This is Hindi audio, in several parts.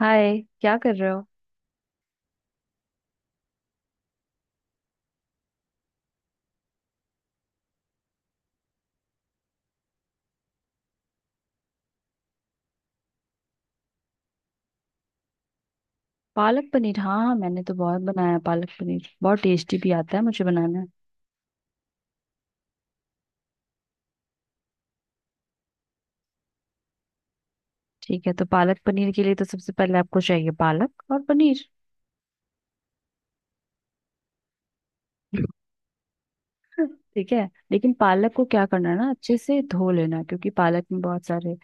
हाय, क्या कर रहे हो। पालक पनीर, हाँ हाँ, मैंने तो बहुत बनाया है पालक पनीर। बहुत टेस्टी भी आता है मुझे बनाना। ठीक है, तो पालक पनीर के लिए तो सबसे पहले आपको चाहिए पालक और पनीर। ठीक है, लेकिन पालक को क्या करना है ना, अच्छे से धो लेना, क्योंकि पालक में बहुत सारे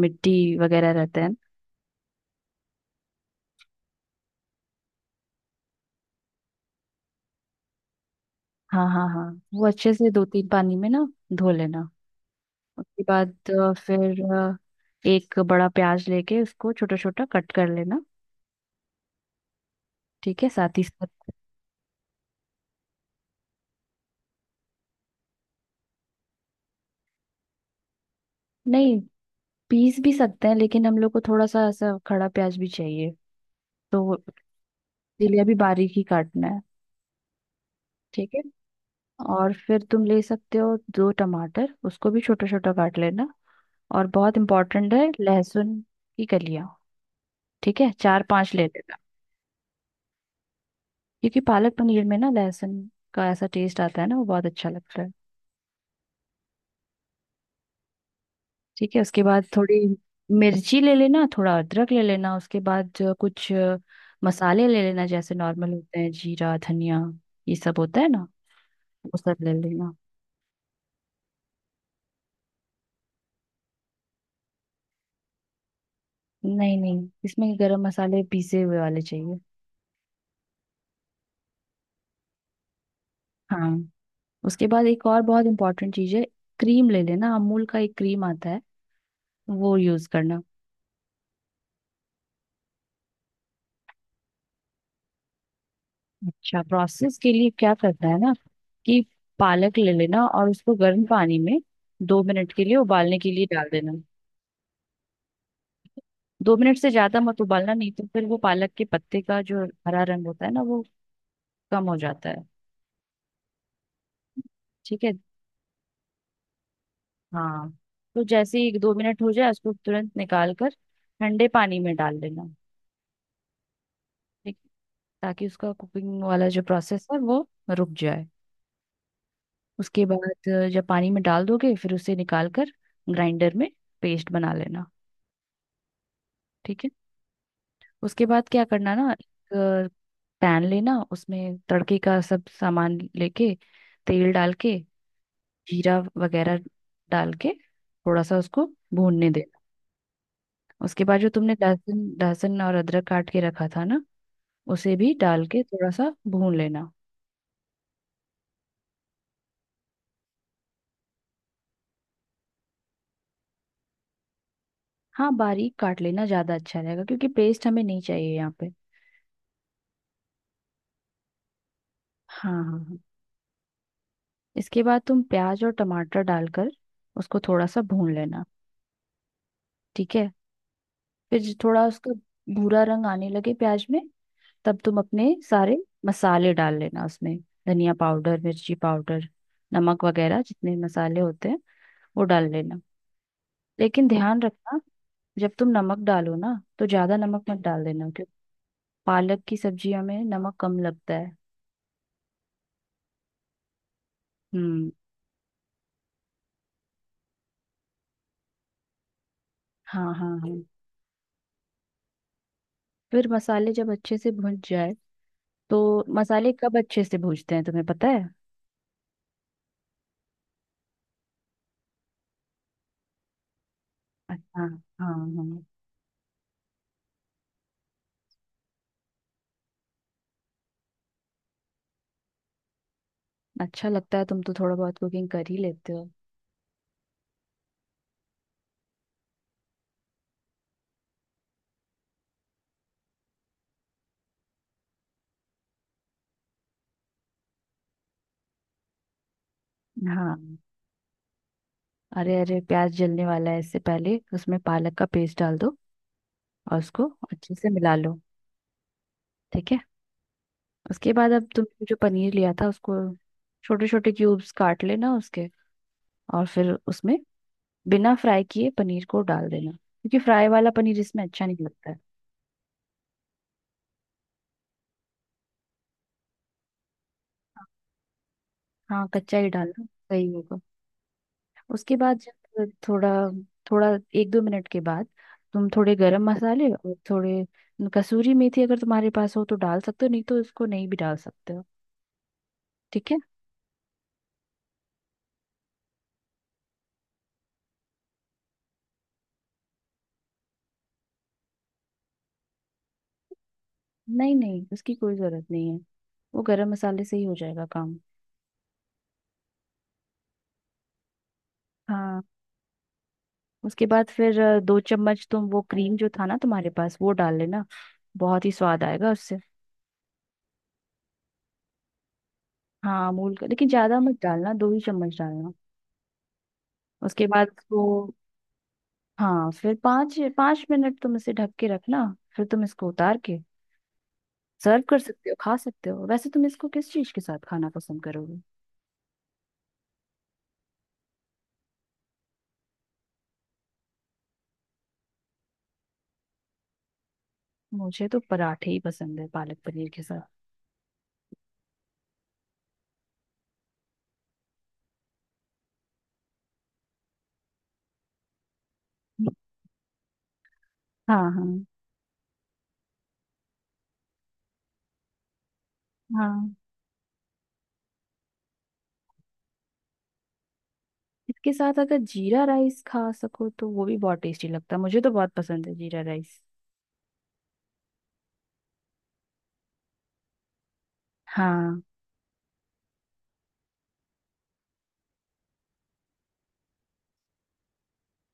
मिट्टी वगैरह रहते हैं। हाँ हाँ हाँ। वो अच्छे से दो तीन पानी में ना धो लेना। उसके बाद फिर एक बड़ा प्याज लेके उसको छोटा छोटा कट कर लेना। ठीक है, साथ ही साथ नहीं, पीस भी सकते हैं लेकिन हम लोग को थोड़ा सा ऐसा खड़ा प्याज भी चाहिए, तो इसीलिए अभी बारीक ही काटना है। ठीक है। और फिर तुम ले सकते हो दो टमाटर, उसको भी छोटा छोटा काट लेना। और बहुत इम्पोर्टेंट है लहसुन की कलियां। ठीक है, चार पांच ले लेना, क्योंकि पालक पनीर में ना लहसुन का ऐसा टेस्ट आता है ना, वो बहुत अच्छा लगता है। ठीक है, उसके बाद थोड़ी मिर्ची ले लेना, थोड़ा अदरक ले लेना। उसके बाद जो कुछ मसाले ले लेना, जैसे नॉर्मल होते हैं, जीरा धनिया, ये सब होता है ना, उसका ले लेना। नहीं नहीं, इसमें गरम मसाले पीसे हुए वाले चाहिए। हाँ, उसके बाद एक और बहुत इंपॉर्टेंट चीज़ है, क्रीम ले लेना। अमूल का एक क्रीम आता है, वो यूज़ करना। अच्छा, प्रोसेस के लिए क्या करना है ना, कि पालक ले लेना और उसको गर्म पानी में 2 मिनट के लिए उबालने के लिए डाल देना। 2 मिनट से ज्यादा मत उबालना, नहीं तो फिर वो पालक के पत्ते का जो हरा रंग होता है ना, वो कम हो जाता है। ठीक है। हाँ, तो जैसे ही 2 मिनट हो जाए उसको तुरंत निकाल कर ठंडे पानी में डाल देना। ठीक, ताकि उसका कुकिंग वाला जो प्रोसेस है वो रुक जाए। उसके बाद जब पानी में डाल दोगे फिर उसे निकाल कर ग्राइंडर में पेस्ट बना लेना। ठीक है, उसके बाद क्या करना ना, एक पैन लेना, उसमें तड़के का सब सामान लेके तेल डाल के जीरा वगैरह डाल के थोड़ा सा उसको भूनने देना। उसके बाद जो तुमने लहसुन लहसुन और अदरक काट के रखा था ना, उसे भी डाल के थोड़ा सा भून लेना। हाँ, बारीक काट लेना ज़्यादा अच्छा रहेगा क्योंकि पेस्ट हमें नहीं चाहिए यहाँ पे। हाँ हाँ हाँ। इसके बाद तुम प्याज और टमाटर डालकर उसको थोड़ा सा भून लेना। ठीक है। फिर जो थोड़ा उसका भूरा रंग आने लगे प्याज में, तब तुम अपने सारे मसाले डाल लेना उसमें, धनिया पाउडर मिर्ची पाउडर नमक वगैरह जितने मसाले होते हैं वो डाल लेना। लेकिन ध्यान रखना, जब तुम नमक डालो ना, तो ज्यादा नमक मत डाल देना। पालक की सब्जियों में नमक कम लगता है। हम्म। हाँ हाँ हाँ। फिर मसाले जब अच्छे से भुन जाए, तो मसाले कब अच्छे से भूनते हैं तुम्हें पता है। अच्छा, हाँ हाँ। अच्छा लगता है, तुम तो थोड़ा बहुत कुकिंग कर ही लेते हो। हाँ, अरे अरे प्याज जलने वाला है, इससे पहले उसमें पालक का पेस्ट डाल दो और उसको अच्छे से मिला लो। ठीक है, उसके बाद अब तुमने जो पनीर लिया था उसको छोटे छोटे क्यूब्स काट लेना उसके, और फिर उसमें बिना फ्राई किए पनीर को डाल देना, क्योंकि फ्राई वाला पनीर इसमें अच्छा नहीं लगता है। हाँ, कच्चा ही डालना सही होगा। उसके बाद जब थोड़ा थोड़ा 1 2 मिनट के बाद तुम थोड़े गरम मसाले और थोड़े कसूरी मेथी अगर तुम्हारे पास हो तो डाल सकते हो, नहीं तो उसको नहीं भी डाल सकते हो। ठीक है, नहीं नहीं उसकी कोई जरूरत नहीं है, वो गरम मसाले से ही हो जाएगा काम। हाँ, उसके बाद फिर 2 चम्मच तुम वो क्रीम जो था ना तुम्हारे पास वो डाल लेना। बहुत ही स्वाद आएगा उससे। हाँ मूल का, लेकिन ज्यादा मत डालना, 2 ही चम्मच डालना। उसके बाद इसको, हाँ, फिर 5 5 मिनट तुम इसे ढक के रखना। फिर तुम इसको उतार के सर्व कर सकते हो, खा सकते हो। वैसे तुम इसको किस चीज के साथ खाना पसंद करोगे। मुझे तो पराठे ही पसंद है पालक पनीर के साथ। हाँ हाँ हाँ। इसके साथ अगर जीरा राइस खा सको तो वो भी बहुत टेस्टी लगता है, मुझे तो बहुत पसंद है जीरा राइस। हाँ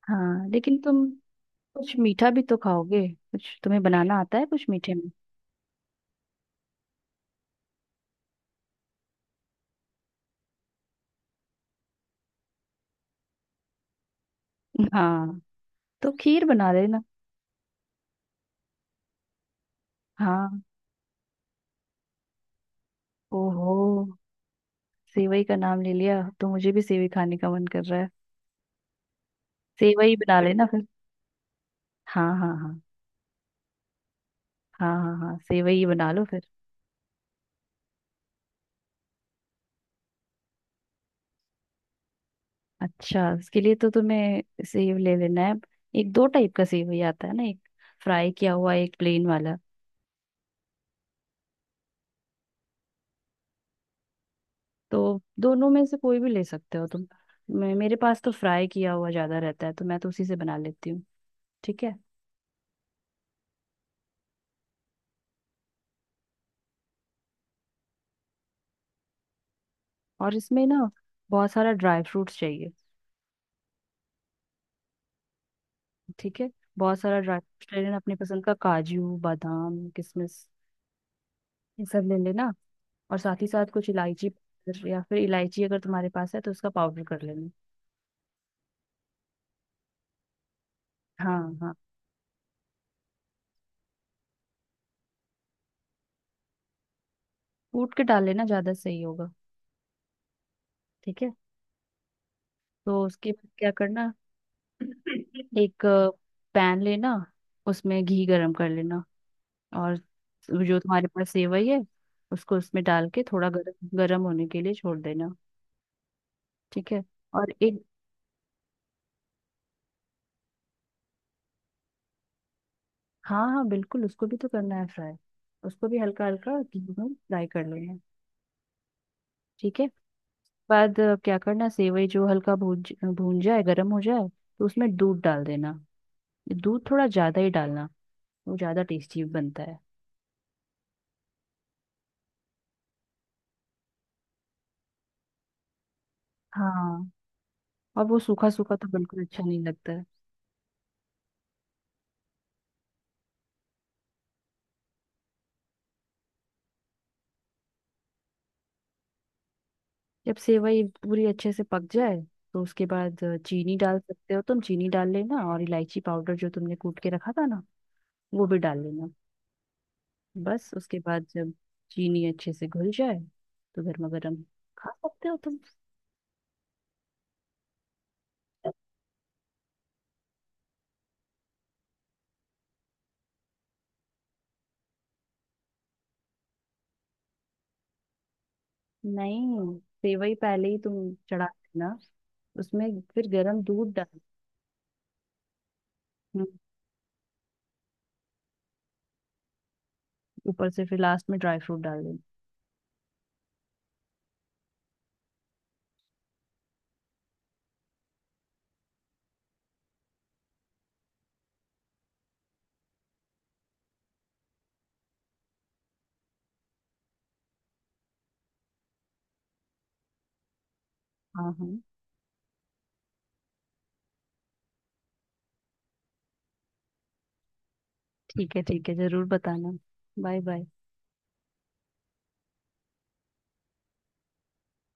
हाँ, लेकिन तुम कुछ मीठा भी तो खाओगे। कुछ तुम्हें बनाना आता है कुछ मीठे में। हाँ, तो खीर बना लेना। हाँ। ओहो, सेवई का नाम ले लिया, अब तो मुझे भी सेवई खाने का मन कर रहा है। सेवई बना लेना फिर। हाँ हाँ हाँ हाँ हाँ हाँ, सेवई ही बना लो फिर। अच्छा, उसके लिए तो तुम्हें सेव ले लेना है। एक दो टाइप का सेवई आता है ना, एक फ्राई किया हुआ एक प्लेन वाला। तो दोनों में से कोई भी ले सकते हो तुम। मैं, मेरे पास तो फ्राई किया हुआ ज्यादा रहता है तो मैं तो उसी से बना लेती हूँ। ठीक है, और इसमें ना बहुत सारा ड्राई फ्रूट्स चाहिए। ठीक है, बहुत सारा ड्राई फ्रूट्स ले लेना अपनी पसंद का, काजू बादाम किशमिश, ये सब ले लेना। और साथ ही साथ कुछ इलायची powder या फिर इलायची अगर तुम्हारे पास है तो उसका पाउडर कर लेना। हाँ हाँ, कूट के डाल लेना ज्यादा सही होगा। ठीक है, तो उसके बाद क्या करना, एक पैन लेना, उसमें घी गरम कर लेना और जो तुम्हारे पास सेवई है उसको उसमें डाल के थोड़ा गरम गरम होने के लिए छोड़ देना। ठीक है, और एक, हाँ हाँ बिल्कुल उसको भी तो करना है फ्राई, उसको भी हल्का हल्का घी में फ्राई कर लेना है। ठीक है, बाद क्या करना, सेवई जो हल्का भून भून जाए गर्म हो जाए, तो उसमें दूध डाल देना। दूध थोड़ा ज्यादा ही डालना, वो ज्यादा टेस्टी बनता है। हाँ, और वो सूखा सूखा तो बिल्कुल अच्छा नहीं लगता है। जब सेवई पूरी अच्छे से पक जाए, तो उसके बाद चीनी डाल सकते हो तुम, चीनी डाल लेना और इलायची पाउडर जो तुमने कूट के रखा था ना, वो भी डाल लेना। बस उसके बाद जब चीनी अच्छे से घुल जाए तो गर्मा गर्म खा सकते हो तुम। नहीं, सेवई पहले ही तुम चढ़ा देना, उसमें फिर गर्म दूध डाल। हम्म, ऊपर से फिर लास्ट में ड्राई फ्रूट डाल देना। हाँ हाँ। ठीक है ठीक है, जरूर बताना। Bye bye.